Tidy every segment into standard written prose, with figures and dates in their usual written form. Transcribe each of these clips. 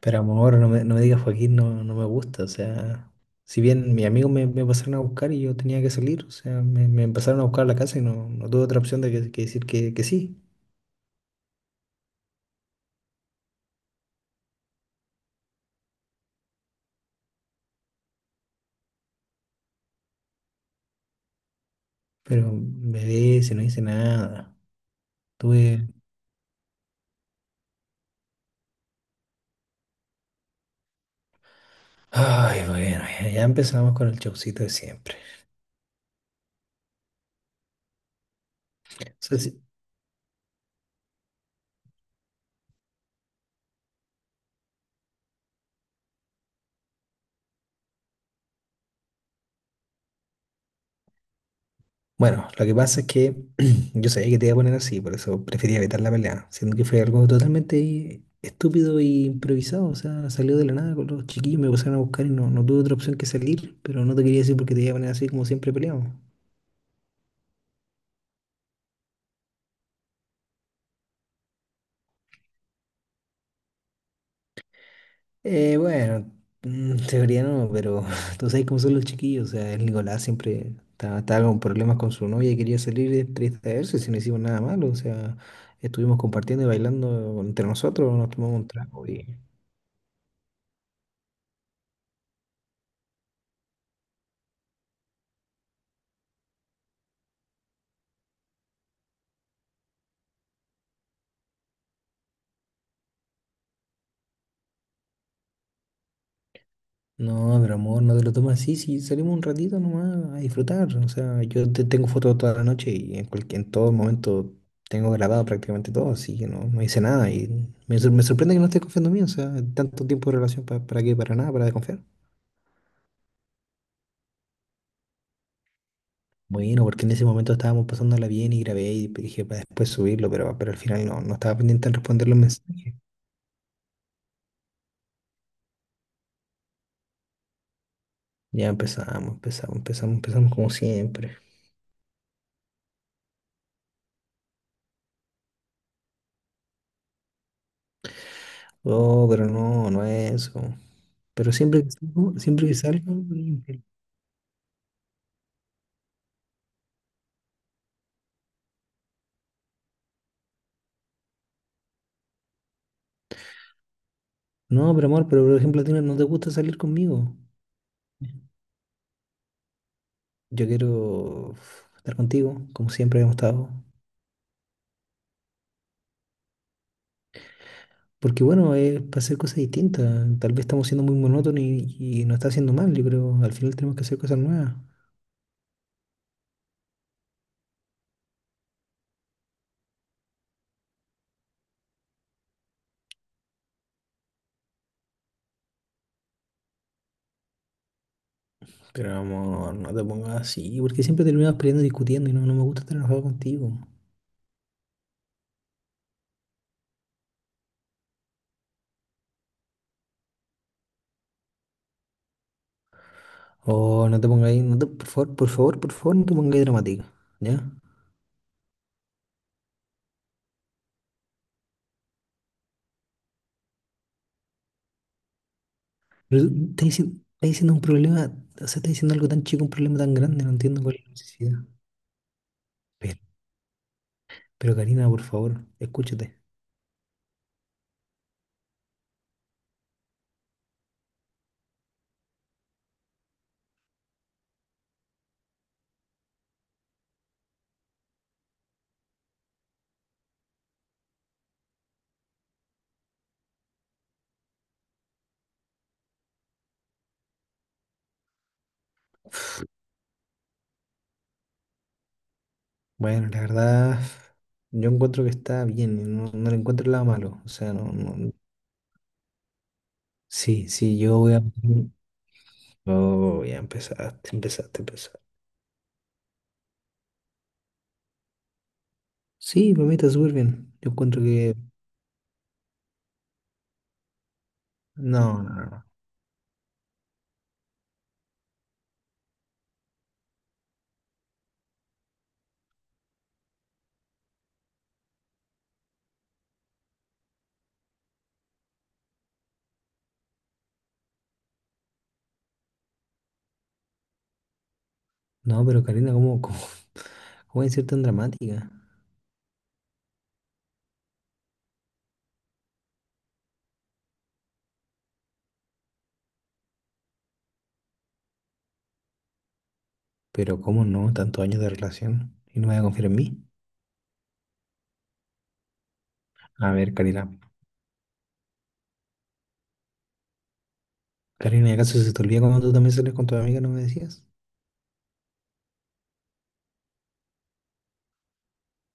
Pero amor, no me digas Joaquín, no, no me gusta. O sea, si bien mis amigos me pasaron a buscar y yo tenía que salir, o sea, me empezaron a buscar a la casa y no tuve otra opción de que decir que sí. Pero me ve, si no hice nada. Tuve. Ay, bueno, ya empezamos con el showcito de siempre. Bueno, lo que pasa es que yo sabía que te iba a poner así, por eso prefería evitar la pelea, siendo que fue algo totalmente estúpido e improvisado, o sea, salió de la nada con los chiquillos, me pusieron a buscar y no tuve otra opción que salir, pero no te quería decir porque te iba a poner así como siempre peleamos. Bueno, teoría no, pero tú sabes cómo son los chiquillos, o sea, el Nicolás siempre estaba con problemas con su novia y quería salir de distraerse si no hicimos nada malo, o sea, estuvimos compartiendo y bailando entre nosotros, nos tomamos un trago y. No, pero amor, no te lo tomas así, si salimos un ratito nomás a disfrutar. O sea, yo te tengo fotos toda la noche y en cualquier, en todo momento tengo grabado prácticamente todo, así que no hice nada. Y me sorprende que no estés confiando en mí, o sea, tanto tiempo de relación para qué, para nada, para desconfiar. Bueno, porque en ese momento estábamos pasándola bien y grabé y dije para después subirlo, pero al final no estaba pendiente en responder los mensajes. Ya empezamos, empezamos, empezamos, empezamos como siempre. Oh, pero no es eso. Pero siempre que salgo, siempre que salgo. No, pero amor, pero por ejemplo, a ti no te gusta salir conmigo. Yo quiero uf, estar contigo, como siempre hemos estado. Porque bueno, es para hacer cosas distintas. Tal vez estamos siendo muy monótonos y nos está haciendo mal. Yo creo, al final tenemos que hacer cosas nuevas. Pero amor, no te pongas así, porque siempre terminamos peleando y discutiendo y no me gusta estar enojado contigo. Oh, no te pongas ahí, no te- por favor, por favor, por favor, no te pongas ahí dramático, ¿ya? Pero tú estás diciendo un problema, o sea, estás diciendo algo tan chico, un problema tan grande, no entiendo cuál es la necesidad. Pero Karina, por favor, escúchate. Bueno, la verdad, yo encuentro que está bien, y no le encuentro nada malo. O sea, Sí, sí, yo voy a. Oh, ya empezaste, empezaste, empezaste. Sí, para mí está súper bien. Yo encuentro que. No, no, no. No, no, pero Karina, ¿cómo, cómo es ser tan dramática? Pero ¿cómo no? Tantos años de relación. ¿Y no me vas a confiar en mí? A ver, Karina. Karina, ¿y acaso se te olvida cuando tú también sales con tu amiga, no me decías?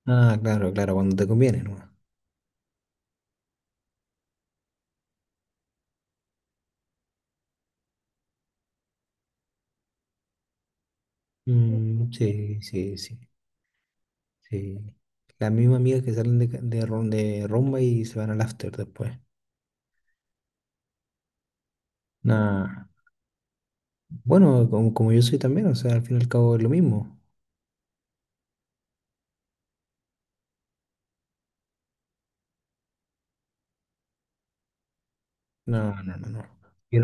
Ah, claro, claro, cuando te conviene, ¿no? Mm, sí, sí, sí, sí. Las mismas amigas que salen de rumba y se van al after después. Nah. Bueno, como, como yo soy también, o sea, al fin y al cabo es lo mismo. No, no, no, no. Yo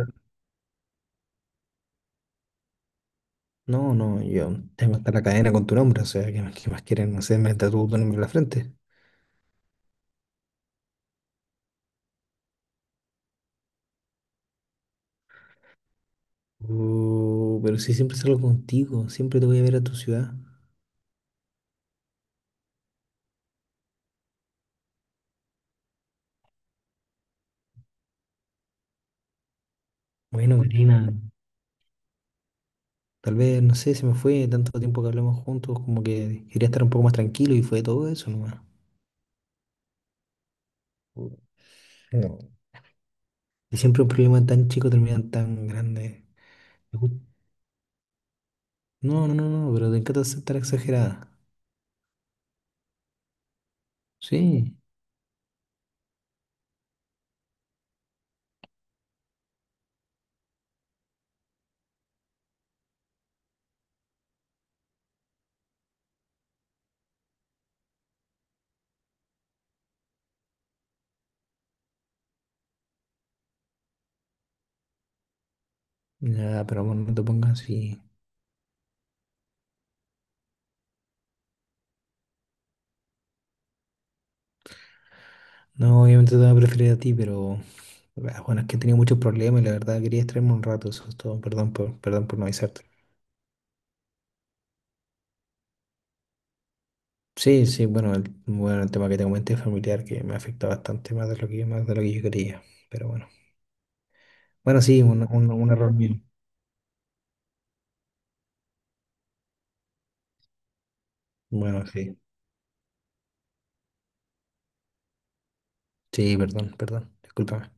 no, yo tengo hasta la cadena con tu nombre, o sea, qué más quieren? No sé, me tatúo tu nombre en la frente. Pero si siempre salgo contigo, siempre te voy a ver a tu ciudad. Bueno, Karina, tal vez, no sé, se me fue tanto tiempo que hablamos juntos, como que quería estar un poco más tranquilo y fue todo eso nomás. No. Y siempre un problema tan chico terminan tan grande. Me gust- No, no, no, no, pero te encanta ser tan exagerada. Sí. Ya, pero amor, no te pongas así. No, obviamente te voy a preferir a ti, pero ah, bueno, es que he tenido muchos problemas y la verdad quería distraerme un rato, eso es todo. Perdón por, perdón por no avisarte. Sí, sí, bueno, el tema que te comenté familiar que me afecta bastante más de lo que, más de lo que yo quería. Pero bueno. Bueno, sí, un error mío. Bueno, sí. Sí, perdón, perdón. Discúlpame.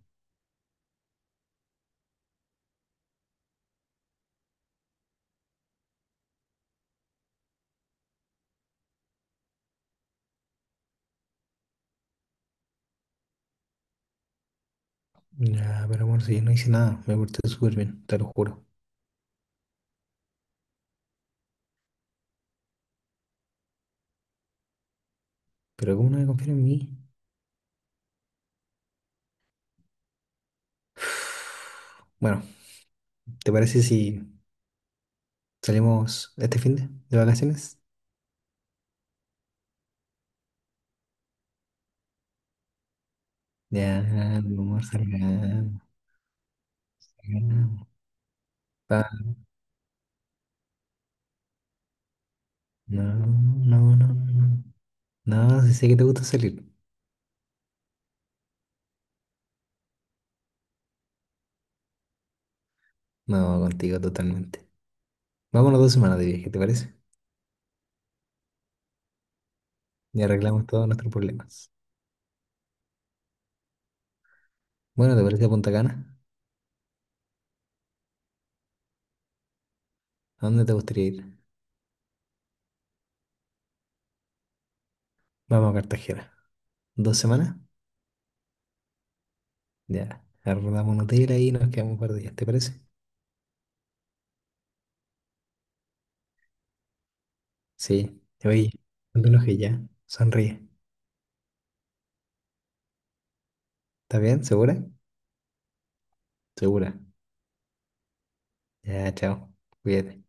Ya, pero amor, si yo no hice nada, me porté súper bien, te lo juro. Pero ¿cómo no me confiar en mí? Bueno, ¿te parece si salimos este fin de vacaciones? Ya, mi amor, salgamos. Salgamos. Pa- No, no, no, no, no. No, si sé que te gusta salir. No, contigo totalmente. Vámonos 2 semanas de viaje, ¿te parece? Y arreglamos todos nuestros problemas. Bueno, ¿te parece Punta Cana? ¿A dónde te gustaría ir? Vamos a Cartagena. ¿2 semanas? Ya, arrendamos un hotel ahí y nos quedamos un par de días, ¿te parece? Sí, oye, no te enojes ya, sonríe. ¿Está bien? ¿Segura? Segura. Ya, chao, cuídate.